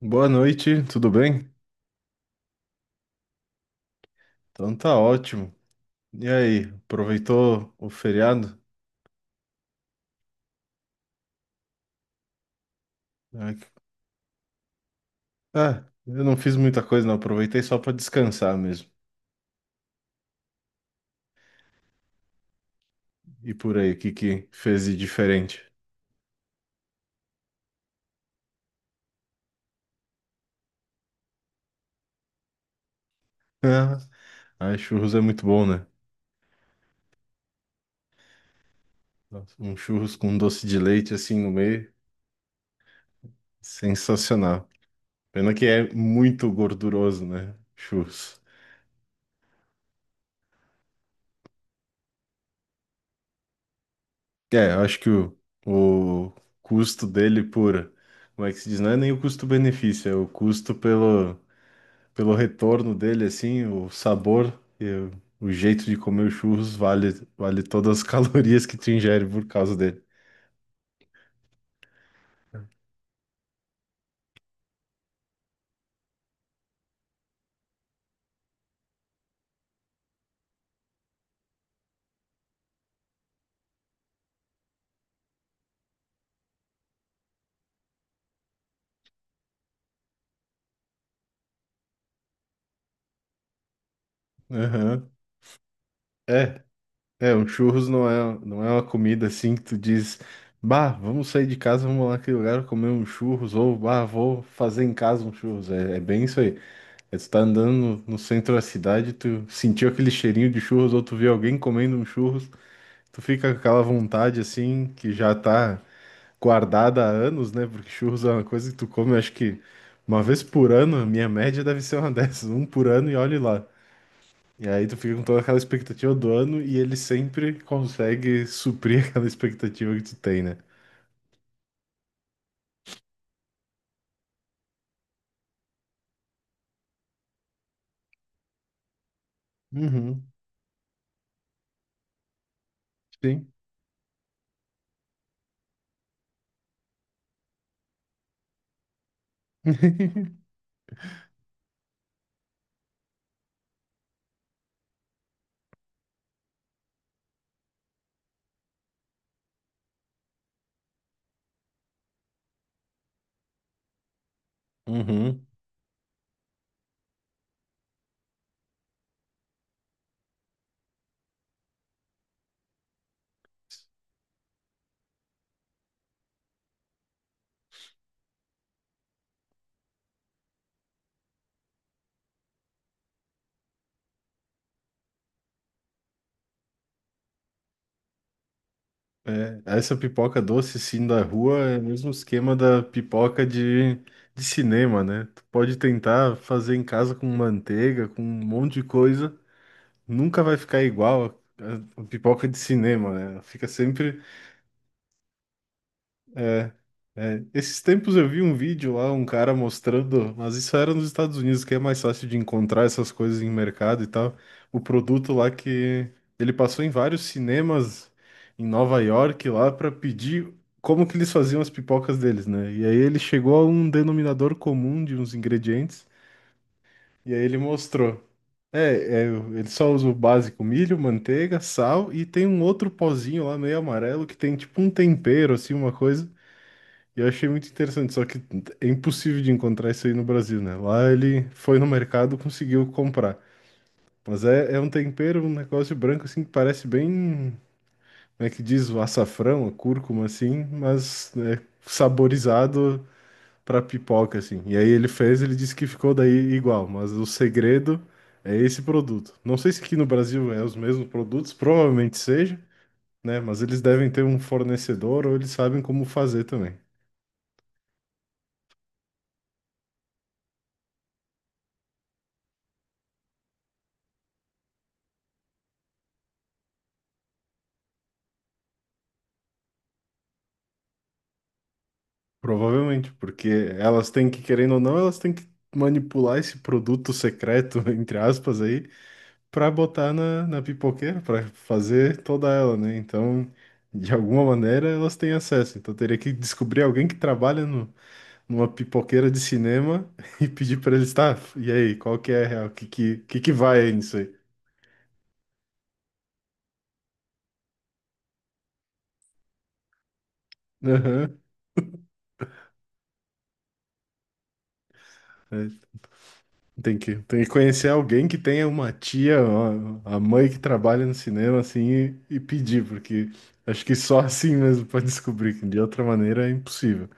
Boa noite, tudo bem? Então tá ótimo. E aí, aproveitou o feriado? Ah, que- ah, eu não fiz muita coisa, não. Aproveitei só pra descansar mesmo. E por aí, o que que fez de diferente? Ah, churros é muito bom, né? Nossa, um churros com doce de leite assim no meio, sensacional. Pena que é muito gorduroso, né? Churros. É, eu acho que o custo dele por. Como é que se diz? Não é nem o custo-benefício, é o custo pelo. Pelo retorno dele, assim, o sabor e o jeito de comer os churros vale, vale todas as calorias que tu ingere por causa dele. Aham. É, é, um churros não é uma comida assim que tu diz, bah, vamos sair de casa, vamos lá naquele lugar comer um churros, ou bah, vou fazer em casa um churros. É, é bem isso aí. É, tu tá andando no centro da cidade, tu sentiu aquele cheirinho de churros, ou tu vê alguém comendo um churros, tu fica com aquela vontade assim que já tá guardada há anos, né? Porque churros é uma coisa que tu come, acho que uma vez por ano, a minha média deve ser uma dessas, um por ano e olhe lá. E aí tu fica com toda aquela expectativa do ano e ele sempre consegue suprir aquela expectativa que tu tem, né? Uhum, sim. Uhum. É, essa pipoca doce, sim, da rua é o mesmo esquema da pipoca de cinema, né? Tu pode tentar fazer em casa com manteiga, com um monte de coisa, nunca vai ficar igual a pipoca de cinema, né? Fica sempre. é, Esses tempos eu vi um vídeo lá, um cara mostrando, mas isso era nos Estados Unidos, que é mais fácil de encontrar essas coisas em mercado e tal. O produto lá que ele passou em vários cinemas em Nova York lá para pedir como que eles faziam as pipocas deles, né? E aí ele chegou a um denominador comum de uns ingredientes. E aí ele mostrou. Ele só usa o básico milho, manteiga, sal e tem um outro pozinho lá meio amarelo que tem tipo um tempero, assim, uma coisa. E eu achei muito interessante, só que é impossível de encontrar isso aí no Brasil, né? Lá ele foi no mercado, conseguiu comprar. Mas é um tempero, um negócio branco assim que parece bem, como é que diz, o açafrão, a cúrcuma assim, mas é, saborizado pra pipoca, assim. E aí ele fez, ele disse que ficou daí igual, mas o segredo é esse produto. Não sei se aqui no Brasil é os mesmos produtos, provavelmente seja, né? Mas eles devem ter um fornecedor ou eles sabem como fazer também. Provavelmente, porque elas têm que, querendo ou não, elas têm que manipular esse produto secreto, entre aspas, aí, pra botar na pipoqueira, pra fazer toda ela, né? Então, de alguma maneira, elas têm acesso. Então, teria que descobrir alguém que trabalha no numa pipoqueira de cinema e pedir pra eles, tá? E aí, qual que é a real? O que que que vai aí nisso aí? Aham. É, tem que conhecer alguém que tenha uma tia, uma- a mãe que trabalha no cinema, assim, e pedir, porque acho que só assim mesmo pode descobrir, que de outra maneira é impossível.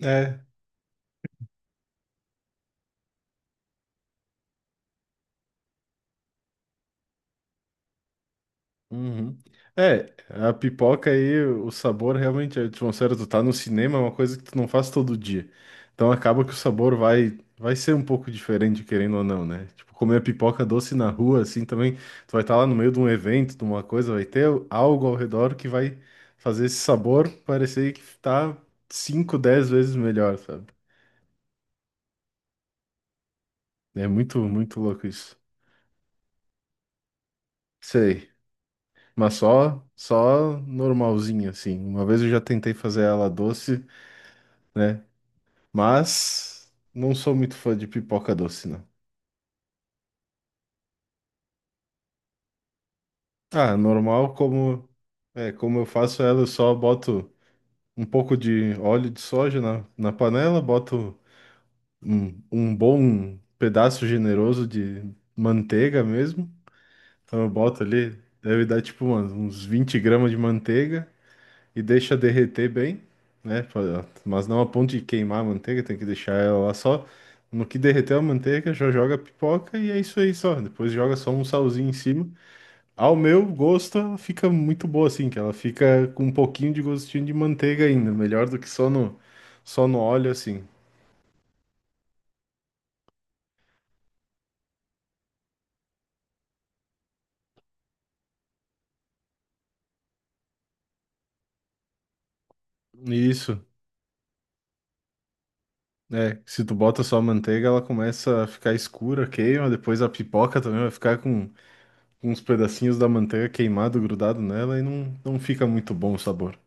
É Uhum. É, a pipoca aí, o sabor realmente, é, tipo, sério, tu tá no cinema, é uma coisa que tu não faz todo dia. Então acaba que o sabor vai ser um pouco diferente, querendo ou não, né? Tipo, comer pipoca doce na rua, assim, também, tu vai estar lá no meio de um evento, de uma coisa, vai ter algo ao redor que vai fazer esse sabor parecer que tá cinco dez vezes melhor, sabe? É muito louco isso. Sei. Mas só normalzinho, assim. Uma vez eu já tentei fazer ela doce, né? Mas não sou muito fã de pipoca doce, não. Ah, normal, como é, como eu faço ela, eu só boto um pouco de óleo de soja na panela, boto um bom pedaço generoso de manteiga mesmo. Então eu boto ali, deve dar tipo uns 20 gramas de manteiga. E deixa derreter bem, né? Mas não a ponto de queimar a manteiga, tem que deixar ela lá só. No que derreter a manteiga, já joga a pipoca e é isso aí só. Depois joga só um salzinho em cima. Ao meu gosto, ela fica muito boa assim, que ela fica com um pouquinho de gostinho de manteiga ainda, melhor do que só no óleo assim. Isso. É, se tu bota só a manteiga, ela começa a ficar escura, queima, depois a pipoca também vai ficar com uns pedacinhos da manteiga queimado, grudado nela e não fica muito bom o sabor.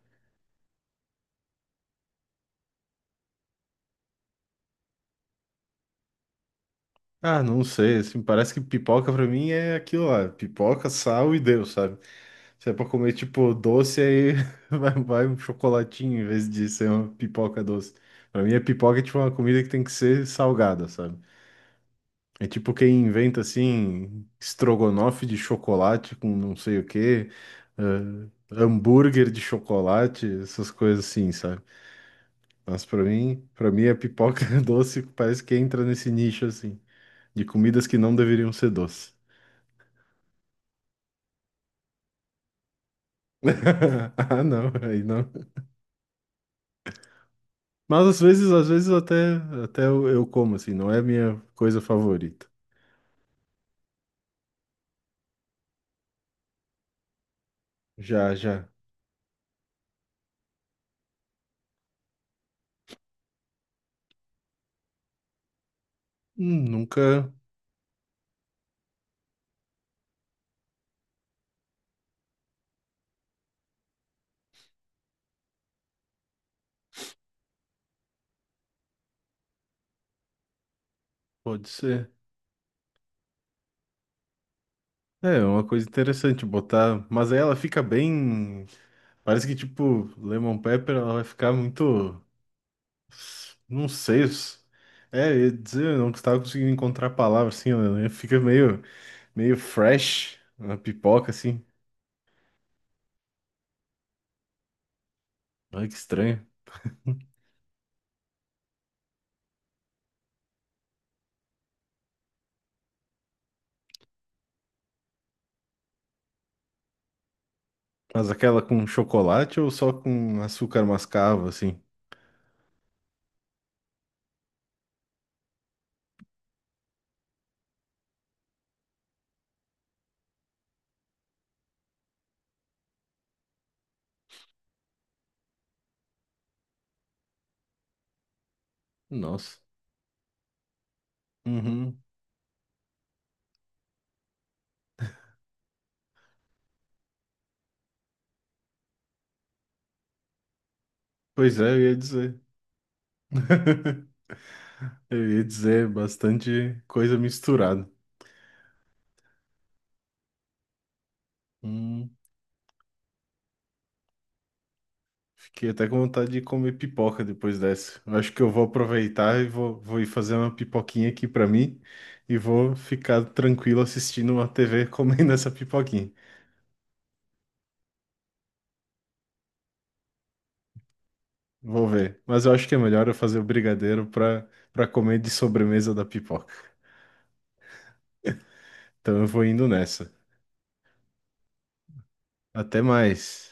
Ah, não sei, assim, parece que pipoca pra mim é aquilo lá, pipoca, sal e Deus, sabe? Se é pra comer, tipo, doce, aí vai um chocolatinho em vez de ser uma pipoca doce. Pra mim, a pipoca é, tipo, uma comida que tem que ser salgada, sabe? É tipo quem inventa, assim, estrogonofe de chocolate com não sei o quê, ah, hambúrguer de chocolate, essas coisas assim, sabe? Mas pra mim, a pipoca doce parece que entra nesse nicho, assim, de comidas que não deveriam ser doces. Ah, não, aí não. Mas às vezes até, até eu como, assim, não é a minha coisa favorita. Já, já. Nunca pode ser. É, é uma coisa interessante botar, mas aí ela fica bem, parece que tipo, Lemon Pepper, ela vai ficar muito, não sei, é, eu ia dizer, eu não estava conseguindo encontrar a palavra, assim, ela né, fica meio, meio fresh na pipoca, assim. Olha que estranho. Mas aquela com chocolate ou só com açúcar mascavo, assim? Nossa. Uhum. Pois é, eu ia dizer. Eu ia dizer bastante coisa misturada. Hum. Fiquei até com vontade de comer pipoca depois dessa. Eu acho que eu vou aproveitar e vou ir fazer uma pipoquinha aqui pra mim e vou ficar tranquilo assistindo uma TV comendo essa pipoquinha. Vou ver. Mas eu acho que é melhor eu fazer o brigadeiro pra para comer de sobremesa da pipoca. Então eu vou indo nessa. Até mais.